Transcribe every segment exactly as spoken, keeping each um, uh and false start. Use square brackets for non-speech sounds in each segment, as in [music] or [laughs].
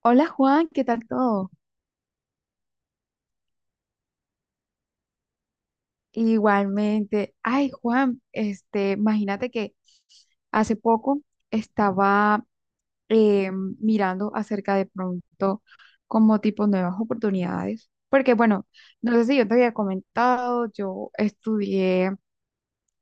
Hola Juan, ¿qué tal todo? Igualmente. Ay, Juan, este, imagínate que hace poco estaba eh, mirando acerca de pronto como tipo nuevas oportunidades, porque bueno, no sé si yo te había comentado, yo estudié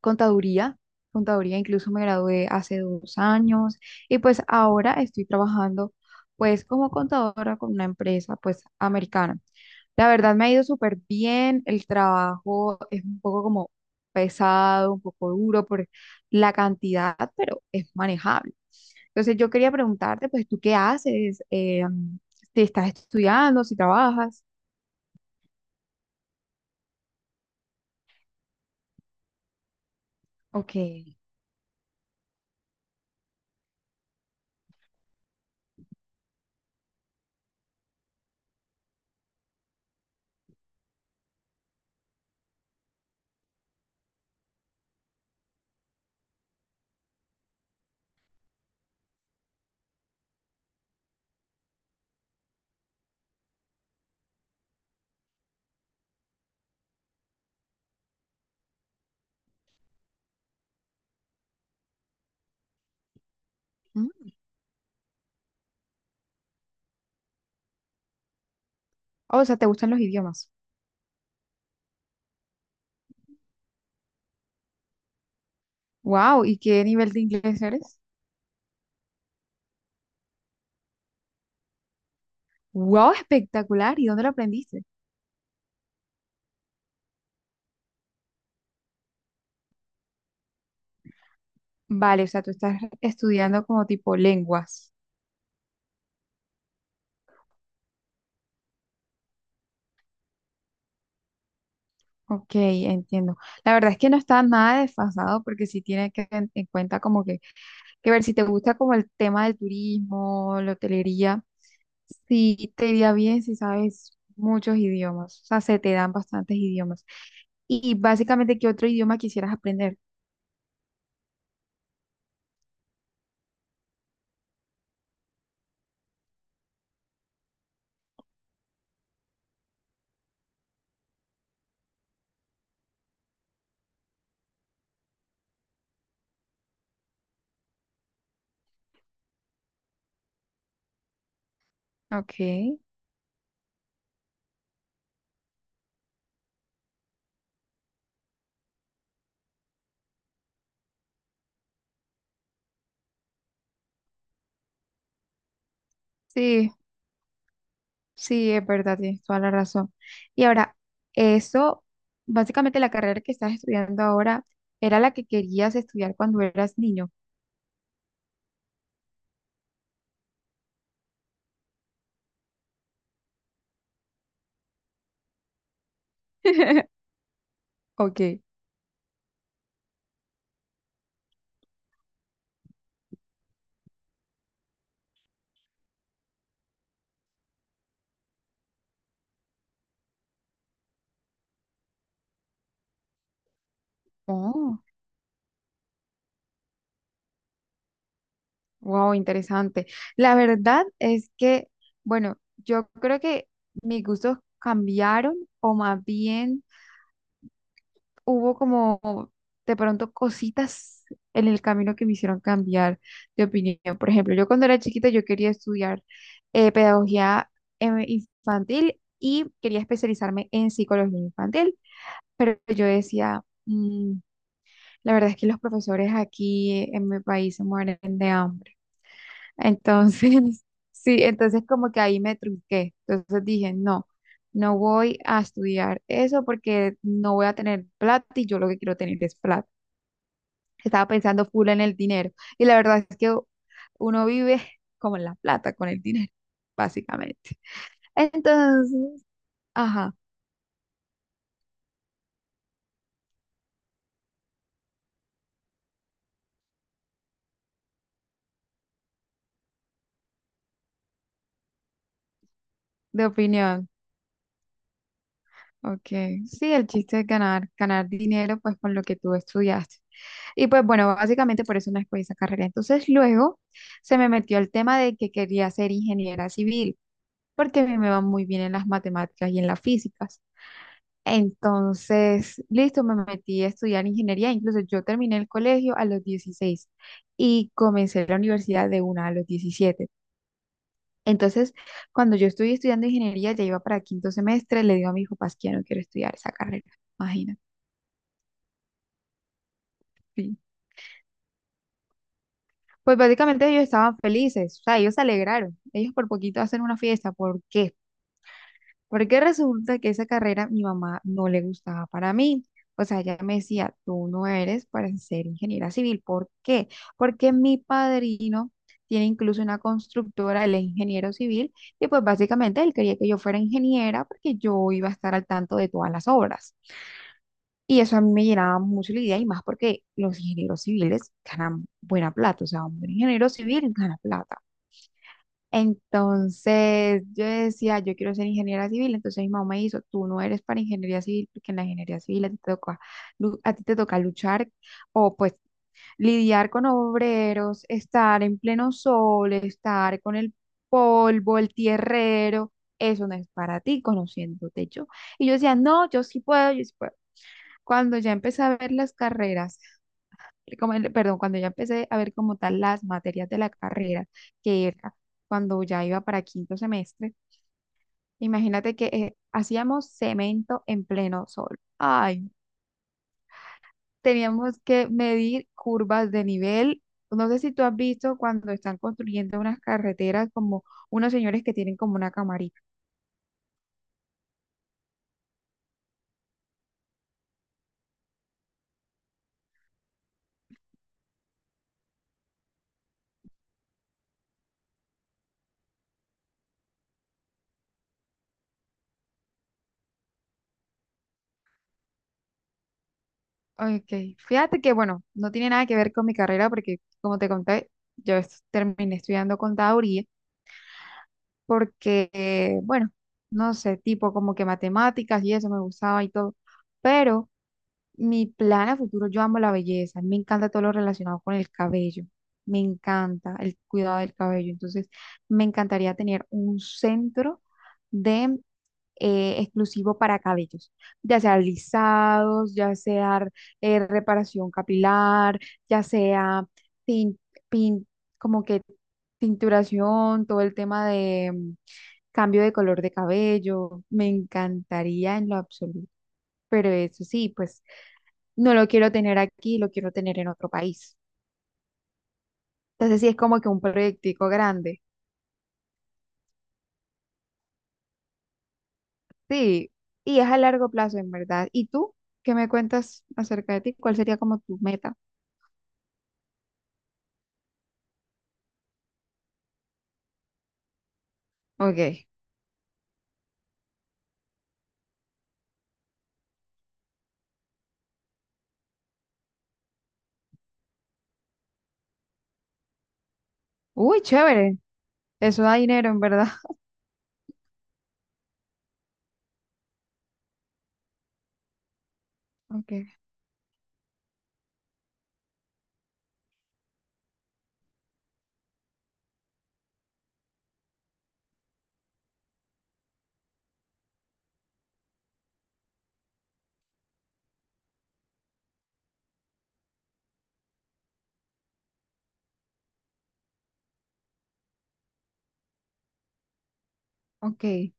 contaduría, contaduría incluso me gradué hace dos años y pues ahora estoy trabajando pues como contadora con una empresa pues americana. La verdad me ha ido súper bien, el trabajo es un poco como pesado, un poco duro por la cantidad, pero es manejable. Entonces yo quería preguntarte, pues, ¿tú qué haces? Eh, mm, ¿te estás estudiando, si trabajas? Ok. Mm. O sea, ¿te gustan los idiomas? Wow, ¿y qué nivel de inglés eres? Wow, espectacular, ¿y dónde lo aprendiste? Vale, o sea, tú estás estudiando como tipo lenguas. Ok, entiendo. La verdad es que no está nada desfasado porque sí tiene que en, en cuenta como que, que ver si te gusta como el tema del turismo, la hotelería, sí te iría bien si sabes muchos idiomas, o sea, se te dan bastantes idiomas. Y básicamente, ¿qué otro idioma quisieras aprender? Ok, sí, sí, es verdad, tienes toda la razón. Y ahora, eso, básicamente la carrera que estás estudiando ahora era la que querías estudiar cuando eras niño. [laughs] Ok. Oh. Wow, interesante. La verdad es que, bueno, yo creo que mis gustos cambiaron o más bien hubo como de pronto cositas en el camino que me hicieron cambiar de opinión. Por ejemplo, yo cuando era chiquita yo quería estudiar eh, pedagogía eh, infantil y quería especializarme en psicología infantil, pero yo decía, "Mm, la verdad es que los profesores aquí en mi país se mueren de hambre. Entonces, [laughs] sí, entonces como que ahí me trunqué. Entonces dije, no, no voy a estudiar eso porque no voy a tener plata y yo lo que quiero tener es plata. Estaba pensando full en el dinero. Y la verdad es que uno vive [laughs] como en la plata, con el dinero, básicamente. Entonces, ajá, de opinión. Ok, sí, el chiste es ganar, ganar dinero pues con lo que tú estudiaste. Y pues bueno, básicamente por eso no escogí esa carrera. Entonces luego se me metió el tema de que quería ser ingeniera civil, porque a mí me va muy bien en las matemáticas y en las físicas. Entonces, listo, me metí a estudiar ingeniería. Incluso yo terminé el colegio a los dieciséis y comencé la universidad de una a los diecisiete. Entonces, cuando yo estuve estudiando ingeniería, ya iba para quinto semestre, le digo a mis papás que ya no quiero estudiar esa carrera. Imagínate. Sí. Pues básicamente ellos estaban felices, o sea, ellos se alegraron. Ellos por poquito hacen una fiesta. ¿Por qué? Porque resulta que esa carrera mi mamá no le gustaba para mí. O sea, ella me decía, tú no eres para ser ingeniera civil. ¿Por qué? Porque mi padrino tiene incluso una constructora, él es ingeniero civil, y pues básicamente él quería que yo fuera ingeniera porque yo iba a estar al tanto de todas las obras. Y eso a mí me llenaba mucho la idea y más porque los ingenieros civiles ganan buena plata, o sea, un buen ingeniero civil gana plata. Entonces yo decía, yo quiero ser ingeniera civil, entonces mi mamá me hizo, tú no eres para ingeniería civil, porque en la ingeniería civil a ti te toca, lu- a ti te toca luchar o pues lidiar con obreros, estar en pleno sol, estar con el polvo, el tierrero, eso no es para ti, conociéndote yo. Y yo decía, no, yo sí puedo, yo sí puedo. Cuando ya empecé a ver las carreras, eh, como el- perdón, cuando ya empecé a ver como tal las materias de la carrera, que era cuando ya iba para quinto semestre, imagínate que eh, hacíamos cemento en pleno sol. Ay, teníamos que medir curvas de nivel. No sé si tú has visto cuando están construyendo unas carreteras como unos señores que tienen como una camarita. Ok, fíjate que bueno, no tiene nada que ver con mi carrera porque como te conté, yo es- terminé estudiando contaduría porque, eh, bueno, no sé, tipo como que matemáticas y eso me gustaba y todo, pero mi plan a futuro, yo amo la belleza, me encanta todo lo relacionado con el cabello, me encanta el cuidado del cabello, entonces me encantaría tener un centro de... eh, exclusivo para cabellos, ya sea lisados, ya sea eh, reparación capilar, ya sea tin- pin- como que tinturación, todo el tema de, cambio de color de cabello, me encantaría en lo absoluto, pero eso sí, pues no lo quiero tener aquí, lo quiero tener en otro país. Entonces sí es como que un proyectico grande, sí, y es a largo plazo en verdad. ¿Y tú qué me cuentas acerca de ti? ¿Cuál sería como tu meta? Ok, uy, chévere, eso da dinero en verdad. [laughs] Ok, ok,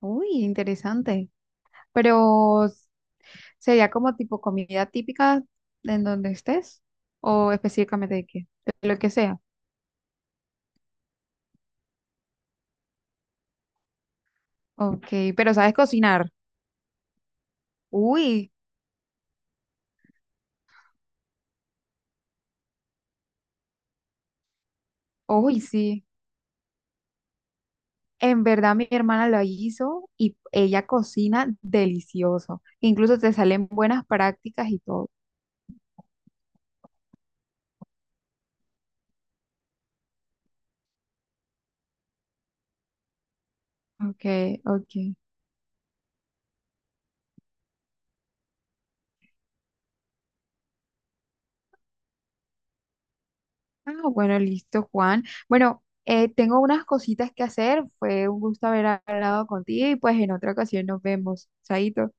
uy, interesante, pero sería como tipo comida típica en donde estés o específicamente de qué, de lo que sea. Ok, pero sabes cocinar. Uy, uy, sí. En verdad mi hermana lo hizo y ella cocina delicioso. Incluso te salen buenas prácticas y todo. Ok, ok. Ah, bueno, listo, Juan. Bueno, eh, tengo unas cositas que hacer. Fue un gusto haber hablado contigo y pues en otra ocasión nos vemos. Chaito.